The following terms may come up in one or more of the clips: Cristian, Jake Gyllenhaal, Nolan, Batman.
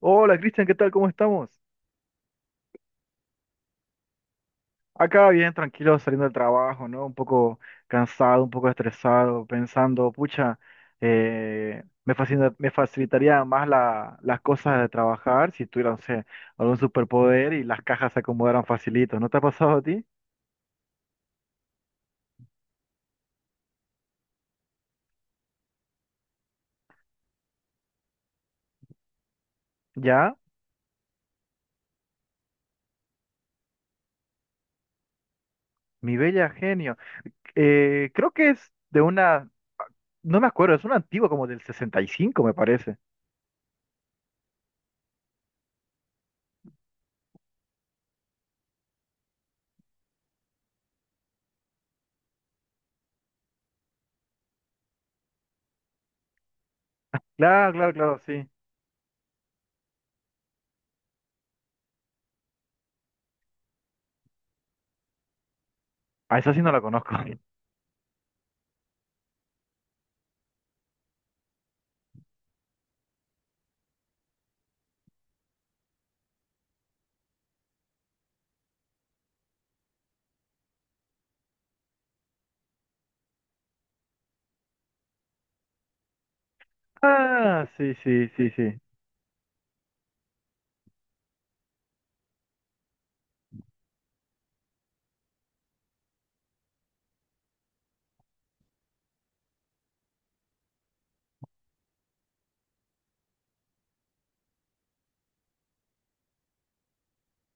Hola Cristian, ¿qué tal? ¿Cómo estamos? Acá bien, tranquilo, saliendo del trabajo, ¿no? Un poco cansado, un poco estresado, pensando, pucha, me facilitaría más las cosas de trabajar si tuviera, no sé, algún superpoder y las cajas se acomodaran facilito. ¿No te ha pasado a ti? Ya, mi bella genio. Creo que es de una, no me acuerdo, es una antigua como del 65, me parece. Claro, claro, claro, sí. A esa sí no la conozco. Ah, sí, sí, sí, sí.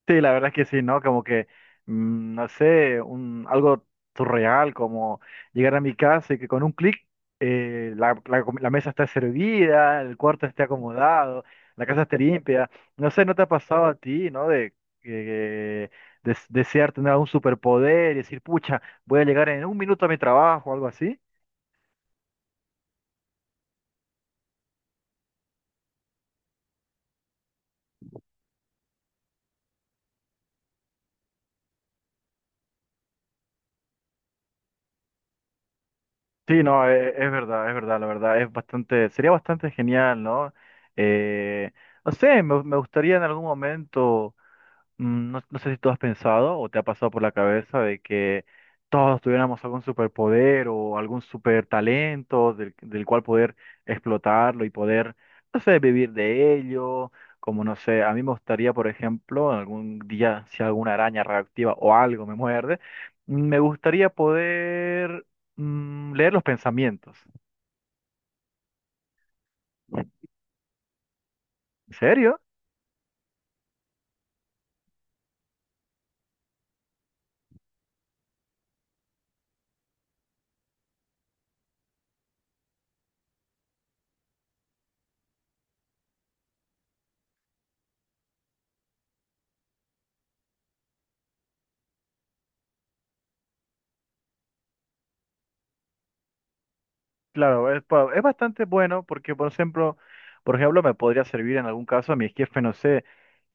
Sí, la verdad es que sí, ¿no? Como que, no sé, un, algo surreal, como llegar a mi casa y que con un clic la mesa está servida, el cuarto esté acomodado, la casa esté limpia. No sé, ¿no te ha pasado a ti, ¿no? De, que- desear tener algún superpoder y decir, pucha, voy a llegar en un minuto a mi trabajo o algo así. Sí, no, es verdad, la verdad, es bastante, sería bastante genial, ¿no? Eh, no sé, me gustaría en algún momento. No, no sé si tú has pensado o te ha pasado por la cabeza de que todos tuviéramos algún superpoder o algún super talento del cual poder explotarlo y poder, no sé, vivir de ello. Como no sé, a mí me gustaría, por ejemplo, algún día, si alguna araña reactiva o algo me muerde, me gustaría poder leer los pensamientos. ¿En serio? Claro, es, es bastante bueno porque, por ejemplo, me podría servir en algún caso a mi jefe, no sé.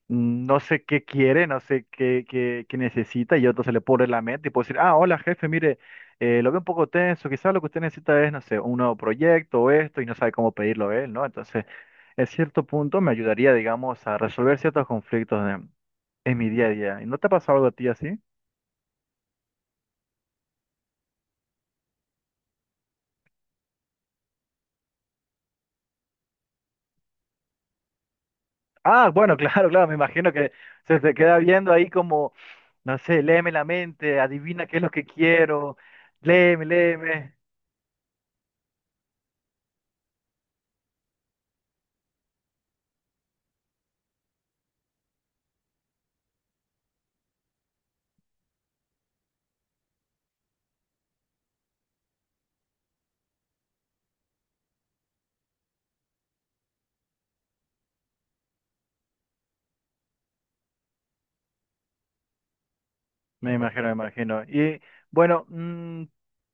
No sé qué quiere, no sé qué necesita, y otro se le pone en la mente y puede decir, ah, hola jefe, mire, lo veo un poco tenso, quizás lo que usted necesita es, no sé, un nuevo proyecto o esto, y no sabe cómo pedirlo él, ¿no? Entonces, en cierto punto me ayudaría, digamos, a resolver ciertos conflictos en mi día a día. ¿Y no te ha pasado algo a ti así? Ah, bueno, claro, claro, me imagino que se te queda viendo ahí como, no sé, léeme la mente, adivina qué es lo que quiero, léeme, léeme. Me imagino, me imagino. Y bueno,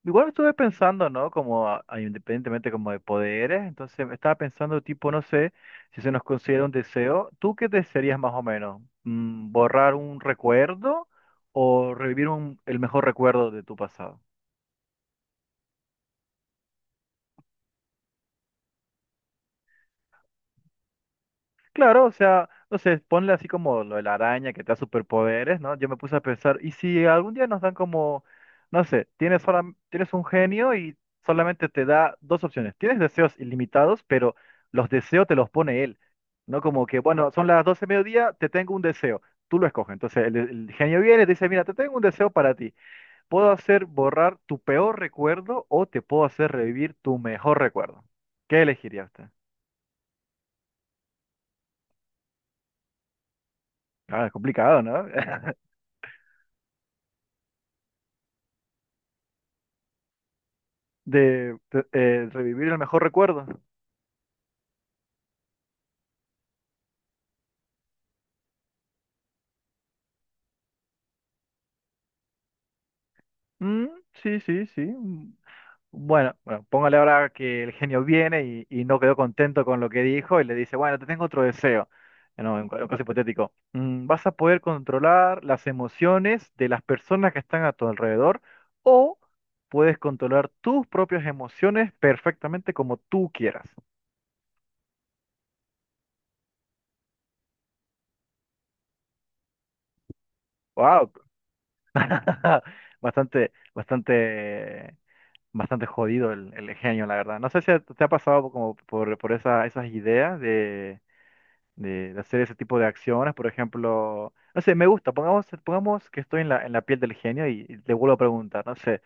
igual estuve pensando, ¿no? Como independientemente como de poderes, entonces estaba pensando tipo, no sé, si se nos considera un deseo, ¿tú qué desearías más o menos? Mm, ¿borrar un recuerdo o revivir el mejor recuerdo de tu pasado? Claro, o sea, no sé, ponle así como lo de la araña que te da superpoderes, ¿no? Yo me puse a pensar, ¿y si algún día nos dan como, no sé, tienes, tienes un genio y solamente te da dos opciones? Tienes deseos ilimitados, pero los deseos te los pone él, ¿no? Como que, bueno, son las 12 de mediodía, te tengo un deseo, tú lo escoges. Entonces el genio viene y te dice, mira, te tengo un deseo para ti. Puedo hacer borrar tu peor recuerdo o te puedo hacer revivir tu mejor recuerdo. ¿Qué elegiría usted? Ah, es complicado, ¿no? De, revivir el mejor recuerdo. Mm, sí, sí, sí. Mm. Bueno, bueno, póngale ahora que el genio viene y no quedó contento con lo que dijo y le dice, bueno, te tengo otro deseo. No, en caso hipotético. Mm, vas a poder controlar las emociones de las personas que están a tu alrededor o puedes controlar tus propias emociones perfectamente como tú quieras. Wow. Bastante, bastante bastante jodido el genio, la verdad. No sé si te ha pasado como por esas ideas de, de hacer ese tipo de acciones, por ejemplo, no sé, me gusta, pongamos, pongamos que estoy en en la piel del genio y te vuelvo a preguntar, no sé,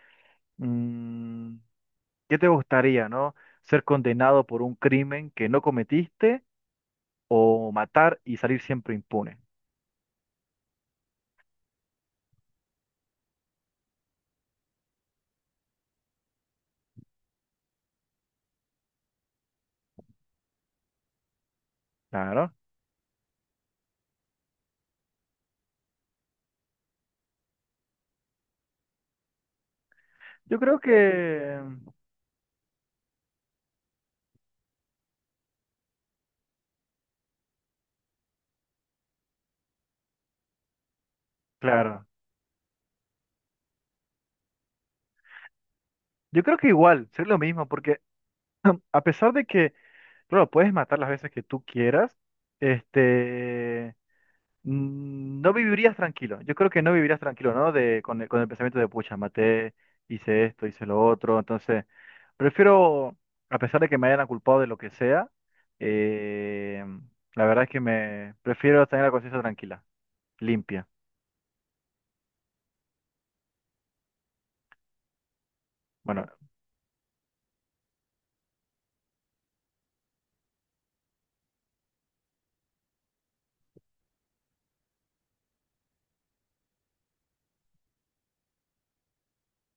mm, ¿qué te gustaría, no? ¿Ser condenado por un crimen que no cometiste o matar y salir siempre impune? Claro. Yo creo que, claro, yo creo que igual, ser lo mismo, porque a pesar de que claro, puedes matar las veces que tú quieras. Este, no vivirías tranquilo. Yo creo que no vivirías tranquilo, ¿no? De, con con el pensamiento de, pucha, maté, hice esto, hice lo otro. Entonces, prefiero, a pesar de que me hayan culpado de lo que sea, eh, la verdad es que me prefiero tener la conciencia tranquila, limpia. Bueno,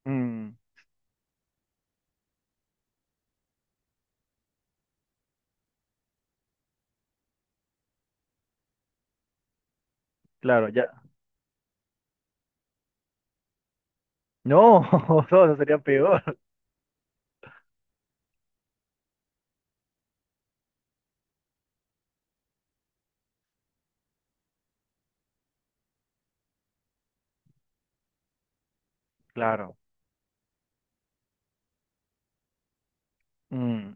mm, claro, ya. No, todo sería peor. Claro. Mm.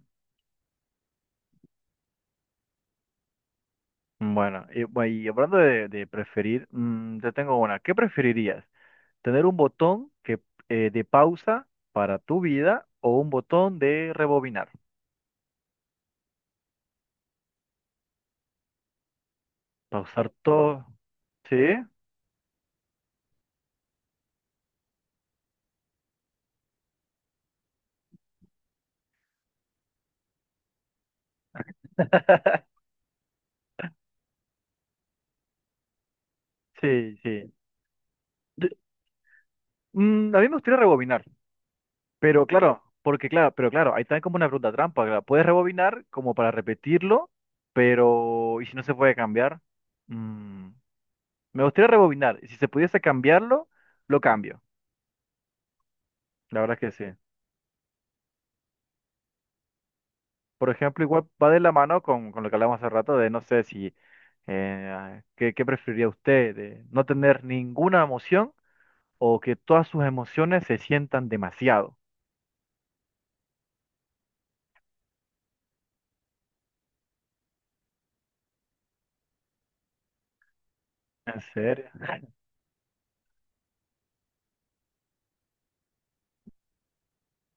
Bueno, y, y hablando de preferir, yo tengo una. ¿Qué preferirías? ¿Tener un botón que, de pausa para tu vida o un botón de rebobinar? Pausar todo. ¿Sí? Sí, sí. Yo- a mí me gustaría rebobinar, pero claro, porque claro, pero claro, ahí también como una pregunta trampa, claro, puedes rebobinar como para repetirlo, pero ¿y si no se puede cambiar? Mm, me gustaría rebobinar, y si se pudiese cambiarlo, lo cambio. La verdad que sí. Por ejemplo, igual va de la mano con lo que hablamos hace rato de, no sé si, ¿qué, qué preferiría usted? ¿De no tener ninguna emoción o que todas sus emociones se sientan demasiado? ¿En serio?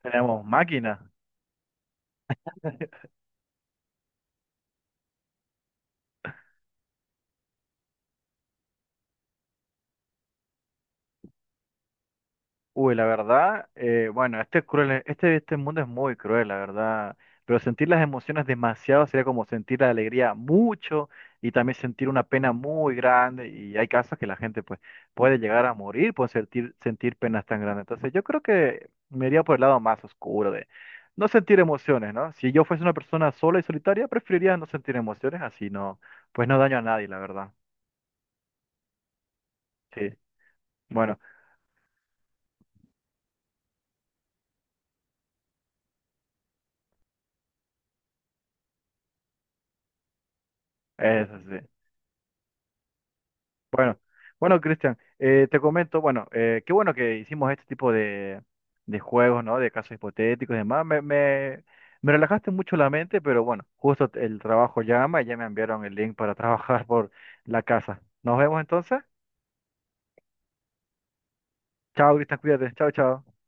Tenemos máquinas. Uy, la verdad, bueno, este es cruel, este, este mundo es muy cruel, la verdad. Pero sentir las emociones demasiado sería como sentir la alegría mucho y también sentir una pena muy grande. Y hay casos que la gente pues, puede llegar a morir por sentir, sentir penas tan grandes. Entonces yo creo que me iría por el lado más oscuro de no sentir emociones, ¿no? Si yo fuese una persona sola y solitaria, preferiría no sentir emociones, así no, pues no daño a nadie, la verdad. Sí, bueno, eso sí. Bueno, Cristian, te comento, bueno, qué bueno que hicimos este tipo de juegos, ¿no? De casos hipotéticos y demás. Me relajaste mucho la mente, pero bueno, justo el trabajo llama y ya me enviaron el link para trabajar por la casa. Nos vemos entonces. Chao, Cristian, cuídate. Chao, chao.